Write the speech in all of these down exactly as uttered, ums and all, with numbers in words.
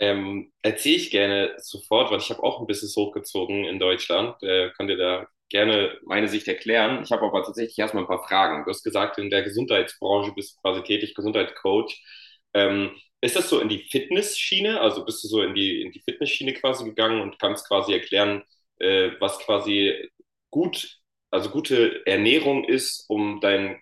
Ähm, erzähle ich gerne sofort, weil ich habe auch ein Business hochgezogen in Deutschland. Äh, kann dir da gerne meine Sicht erklären. Ich habe aber tatsächlich erstmal ein paar Fragen. Du hast gesagt, in der Gesundheitsbranche bist du quasi tätig, Gesundheitscoach. Ähm, ist das so in die Fitnessschiene? Also bist du so in die, in die Fitnessschiene quasi gegangen und kannst quasi erklären, äh, was quasi gut, also gute Ernährung ist, um deinen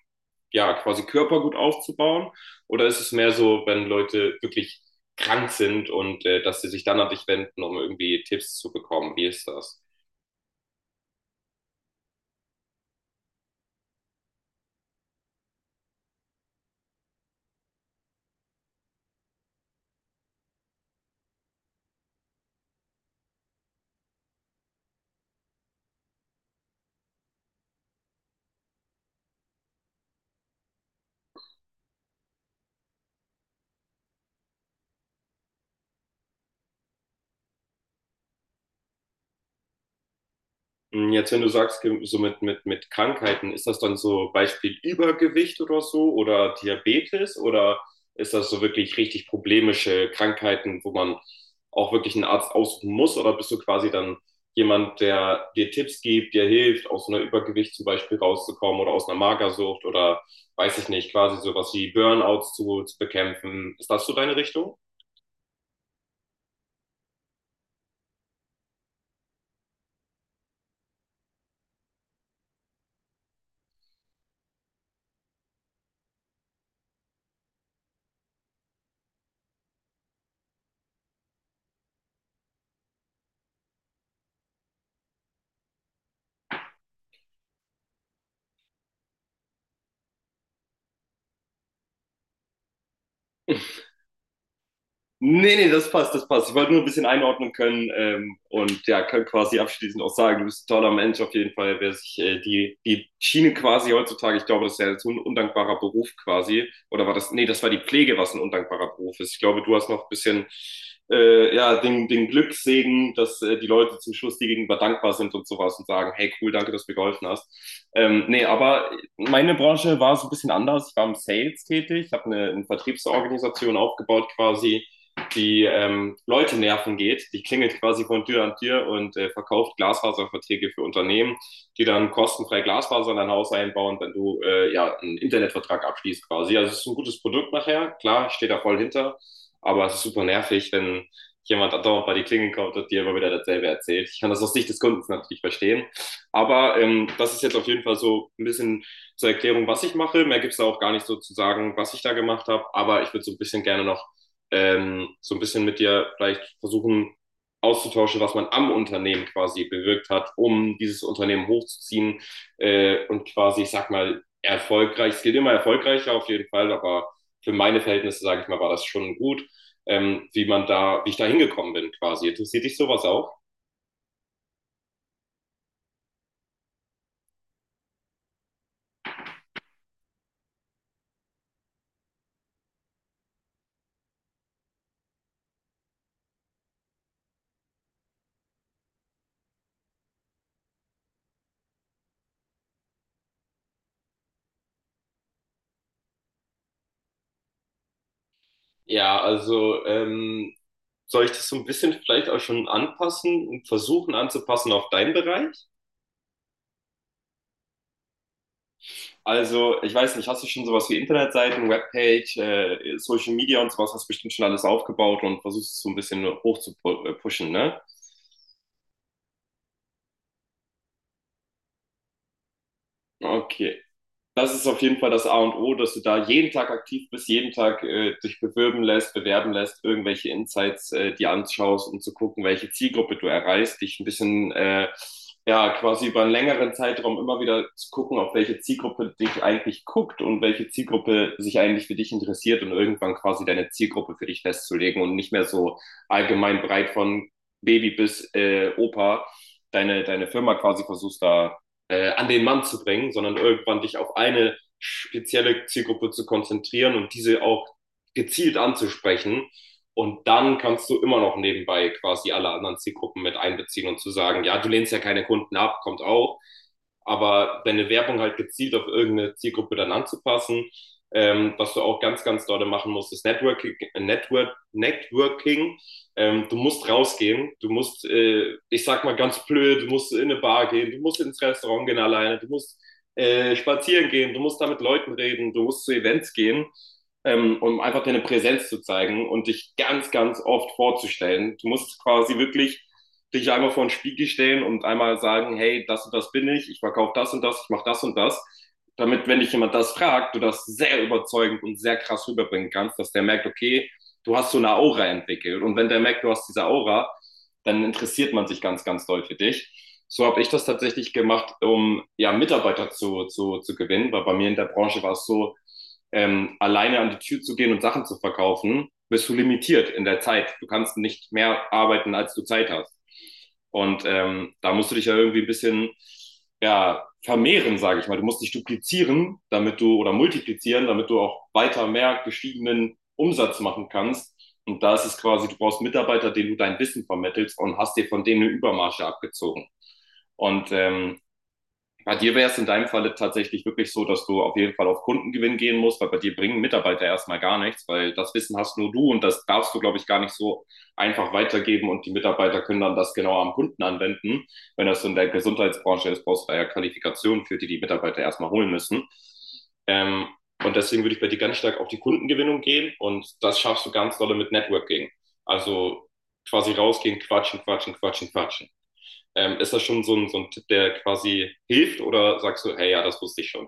ja, quasi Körper gut aufzubauen? Oder ist es mehr so, wenn Leute wirklich krank sind und äh, dass sie sich dann an dich wenden, um irgendwie Tipps zu bekommen. Wie ist das? Hm. Jetzt, wenn du sagst, so mit, mit, mit Krankheiten, ist das dann so Beispiel Übergewicht oder so oder Diabetes oder ist das so wirklich richtig problemische Krankheiten, wo man auch wirklich einen Arzt aussuchen muss oder bist du quasi dann jemand, der dir Tipps gibt, dir hilft, aus einer Übergewicht zum Beispiel rauszukommen oder aus einer Magersucht oder weiß ich nicht, quasi sowas wie Burnouts zu, zu bekämpfen? Ist das so deine Richtung? Nee, nee, das passt, das passt. Ich wollte nur ein bisschen einordnen können, ähm, und ja, kann quasi abschließend auch sagen, du bist ein toller Mensch auf jeden Fall, wer sich äh, die, die Schiene quasi heutzutage, ich glaube, das ist ja jetzt so ein undankbarer Beruf quasi, oder war das, nee, das war die Pflege, was ein undankbarer Beruf ist. Ich glaube, du hast noch ein bisschen äh, ja, den, den Glückssegen, dass äh, die Leute zum Schluss dir gegenüber dankbar sind und sowas und sagen, hey, cool, danke, dass du mir geholfen hast. Ähm, nee, aber meine Branche war so ein bisschen anders. Ich war im Sales tätig, ich habe eine, eine Vertriebsorganisation aufgebaut quasi, die ähm, Leute nerven geht. Die klingelt quasi von Tür an Tür und äh, verkauft Glasfaserverträge für Unternehmen, die dann kostenfrei Glasfaser in dein Haus einbauen, wenn du äh, ja einen Internetvertrag abschließt quasi. Also es ist ein gutes Produkt nachher, klar, ich stehe da voll hinter, aber es ist super nervig, wenn jemand andauernd bei die Klingel kommt und dir immer wieder dasselbe erzählt. Ich kann das aus Sicht des Kundens natürlich verstehen. Aber ähm, das ist jetzt auf jeden Fall so ein bisschen zur Erklärung, was ich mache. Mehr gibt es da auch gar nicht so zu sagen, was ich da gemacht habe. Aber ich würde so ein bisschen gerne noch, ähm, so ein bisschen mit dir vielleicht versuchen auszutauschen, was man am Unternehmen quasi bewirkt hat, um dieses Unternehmen hochzuziehen, äh, und quasi, ich sag mal, erfolgreich. Es geht immer erfolgreicher auf jeden Fall, aber für meine Verhältnisse, sage ich mal, war das schon gut, ähm, wie man da, wie ich da hingekommen bin quasi. Interessiert dich sowas auch? Ja, also, ähm, soll ich das so ein bisschen vielleicht auch schon anpassen und versuchen anzupassen auf deinen Bereich? Also, ich weiß nicht, hast du schon sowas wie Internetseiten, Webpage, äh, Social Media und sowas, hast du bestimmt schon alles aufgebaut und versuchst es so ein bisschen hoch zu pu- äh, pushen, ne? Okay, das ist auf jeden Fall das A und O, dass du da jeden Tag aktiv bist, jeden Tag äh, dich bewirben lässt, bewerben lässt, irgendwelche Insights äh, dir anschaust, um zu gucken, welche Zielgruppe du erreichst, dich ein bisschen, äh, ja, quasi über einen längeren Zeitraum immer wieder zu gucken, auf welche Zielgruppe dich eigentlich guckt und welche Zielgruppe sich eigentlich für dich interessiert und irgendwann quasi deine Zielgruppe für dich festzulegen und nicht mehr so allgemein breit von Baby bis äh, Opa deine, deine Firma quasi versuchst da äh, an den Mann zu bringen, sondern irgendwann dich auf eine spezielle Zielgruppe zu konzentrieren und diese auch gezielt anzusprechen. Und dann kannst du immer noch nebenbei quasi alle anderen Zielgruppen mit einbeziehen und zu sagen, ja, du lehnst ja keine Kunden ab, kommt auch, aber deine Werbung halt gezielt auf irgendeine Zielgruppe dann anzupassen. Ähm, was du auch ganz, ganz doll machen musst, ist Networking. Network, Networking. Ähm, du musst rausgehen, du musst, äh, ich sag mal ganz blöd, du musst in eine Bar gehen, du musst ins Restaurant gehen alleine, du musst äh, spazieren gehen, du musst da mit Leuten reden, du musst zu Events gehen, ähm, um einfach deine Präsenz zu zeigen und dich ganz, ganz oft vorzustellen. Du musst quasi wirklich dich einmal vor den Spiegel stellen und einmal sagen, hey, das und das bin ich, ich verkaufe das und das, ich mache das und das. Damit, wenn dich jemand das fragt, du das sehr überzeugend und sehr krass rüberbringen kannst, dass der merkt, okay, du hast so eine Aura entwickelt. Und wenn der merkt, du hast diese Aura, dann interessiert man sich ganz, ganz doll für dich. So habe ich das tatsächlich gemacht, um ja, Mitarbeiter zu, zu, zu gewinnen, weil bei mir in der Branche war es so, ähm, alleine an die Tür zu gehen und Sachen zu verkaufen, bist du limitiert in der Zeit. Du kannst nicht mehr arbeiten, als du Zeit hast. Und ähm, da musst du dich ja irgendwie ein bisschen ja, vermehren, sage ich mal. Du musst dich duplizieren, damit du oder multiplizieren, damit du auch weiter mehr gestiegenen Umsatz machen kannst. Und da ist es quasi, du brauchst Mitarbeiter, denen du dein Wissen vermittelst und hast dir von denen eine Übermarge abgezogen. Und ähm, bei dir wäre es in deinem Falle tatsächlich wirklich so, dass du auf jeden Fall auf Kundengewinn gehen musst, weil bei dir bringen Mitarbeiter erstmal gar nichts, weil das Wissen hast nur du und das darfst du, glaube ich, gar nicht so einfach weitergeben und die Mitarbeiter können dann das genau am Kunden anwenden. Wenn das so in der Gesundheitsbranche ist, brauchst du da ja Qualifikationen für, die die Mitarbeiter erstmal holen müssen. Ähm, und deswegen würde ich bei dir ganz stark auf die Kundengewinnung gehen und das schaffst du ganz dolle mit Networking. Also quasi rausgehen, quatschen, quatschen, quatschen, quatschen. Ähm, ist das schon so ein, so ein Tipp, der quasi hilft oder sagst du, hey, ja, das wusste ich schon?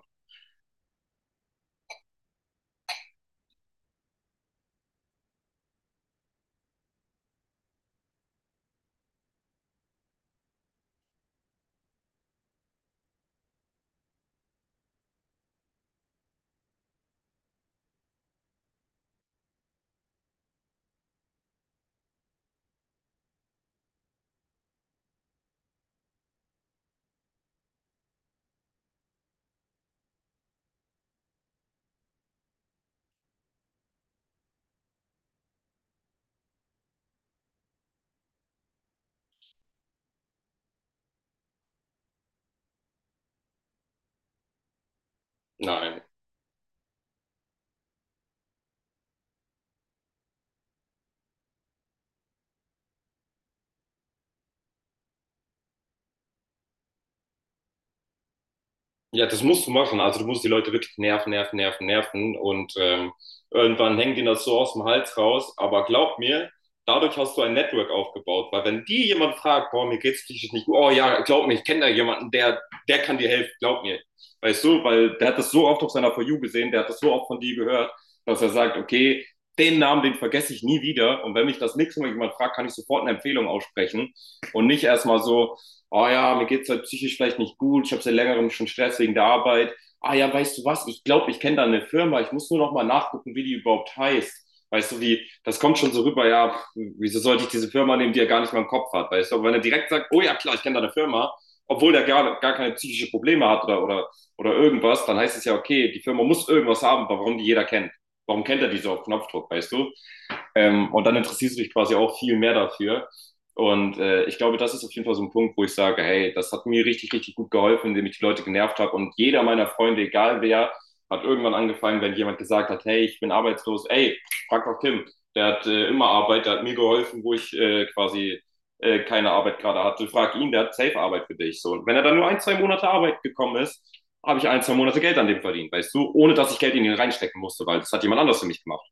Nein. Ja, das musst du machen. Also du musst die Leute wirklich nerven, nerven, nerven, nerven. Und ähm, irgendwann hängt ihnen das so aus dem Hals raus. Aber glaub mir, dadurch hast du ein Network aufgebaut. Weil wenn die jemand fragt, boah, mir geht's psychisch nicht gut, oh ja, glaub mir, ich kenne da jemanden, der, der kann dir helfen, glaub mir. Weißt du, weil der hat das so oft auf seiner For You gesehen, der hat das so oft von dir gehört, dass er sagt, okay, den Namen, den vergesse ich nie wieder. Und wenn mich das nächste Mal jemand fragt, kann ich sofort eine Empfehlung aussprechen. Und nicht erstmal so, oh ja, mir geht's halt psychisch vielleicht nicht gut, ich habe seit längerem schon Stress wegen der Arbeit. Ah ja, weißt du was, ich glaube, ich kenne da eine Firma, ich muss nur noch mal nachgucken, wie die überhaupt heißt. Weißt du, wie, das kommt schon so rüber, ja, pf, wieso sollte ich diese Firma nehmen, die er gar nicht mal im Kopf hat, weißt du? Aber wenn er direkt sagt, oh ja, klar, ich kenne da eine Firma, obwohl der gar, gar keine psychische Probleme hat oder, oder, oder irgendwas, dann heißt es ja, okay, die Firma muss irgendwas haben, warum die jeder kennt. Warum kennt er die so auf Knopfdruck, weißt du? Ähm, und dann interessierst du dich quasi auch viel mehr dafür. Und äh, ich glaube, das ist auf jeden Fall so ein Punkt, wo ich sage, hey, das hat mir richtig, richtig gut geholfen, indem ich die Leute genervt habe. Und jeder meiner Freunde, egal wer, hat irgendwann angefangen, wenn jemand gesagt hat, hey, ich bin arbeitslos, ey, frag doch Tim, der hat äh, immer Arbeit, der hat mir geholfen, wo ich äh, quasi äh, keine Arbeit gerade hatte. Frag ihn, der hat safe Arbeit für dich. So. Und wenn er dann nur ein, zwei Monate Arbeit gekommen ist, habe ich ein, zwei Monate Geld an dem verdient, weißt du, ohne dass ich Geld in ihn reinstecken musste, weil das hat jemand anders für mich gemacht.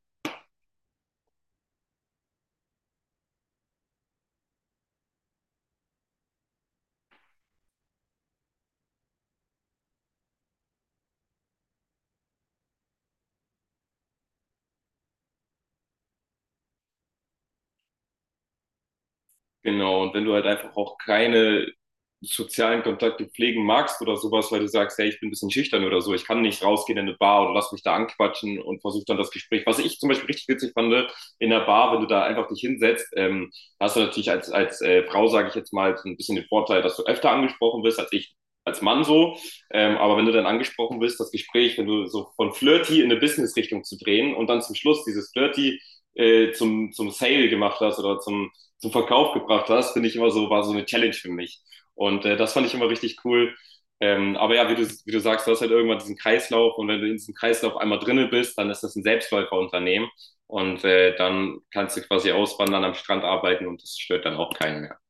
Genau, und wenn du halt einfach auch keine sozialen Kontakte pflegen magst oder sowas, weil du sagst, hey, ich bin ein bisschen schüchtern oder so, ich kann nicht rausgehen in eine Bar oder lass mich da anquatschen und versuch dann das Gespräch. Was ich zum Beispiel richtig witzig fand, in der Bar, wenn du da einfach dich hinsetzt, ähm, hast du natürlich als, als äh, Frau, sage ich jetzt mal, so ein bisschen den Vorteil, dass du öfter angesprochen wirst als ich als Mann so. Ähm, aber wenn du dann angesprochen wirst, das Gespräch, wenn du so von Flirty in eine Business-Richtung zu drehen und dann zum Schluss dieses Flirty äh, zum, zum Sale gemacht hast oder zum zum Verkauf gebracht hast, finde ich immer so, war so eine Challenge für mich. Und äh, das fand ich immer richtig cool. Ähm, aber ja, wie du, wie du sagst, du hast halt irgendwann diesen Kreislauf und wenn du in diesem Kreislauf einmal drinne bist, dann ist das ein Selbstläuferunternehmen und äh, dann kannst du quasi auswandern, am Strand arbeiten und das stört dann auch keinen mehr.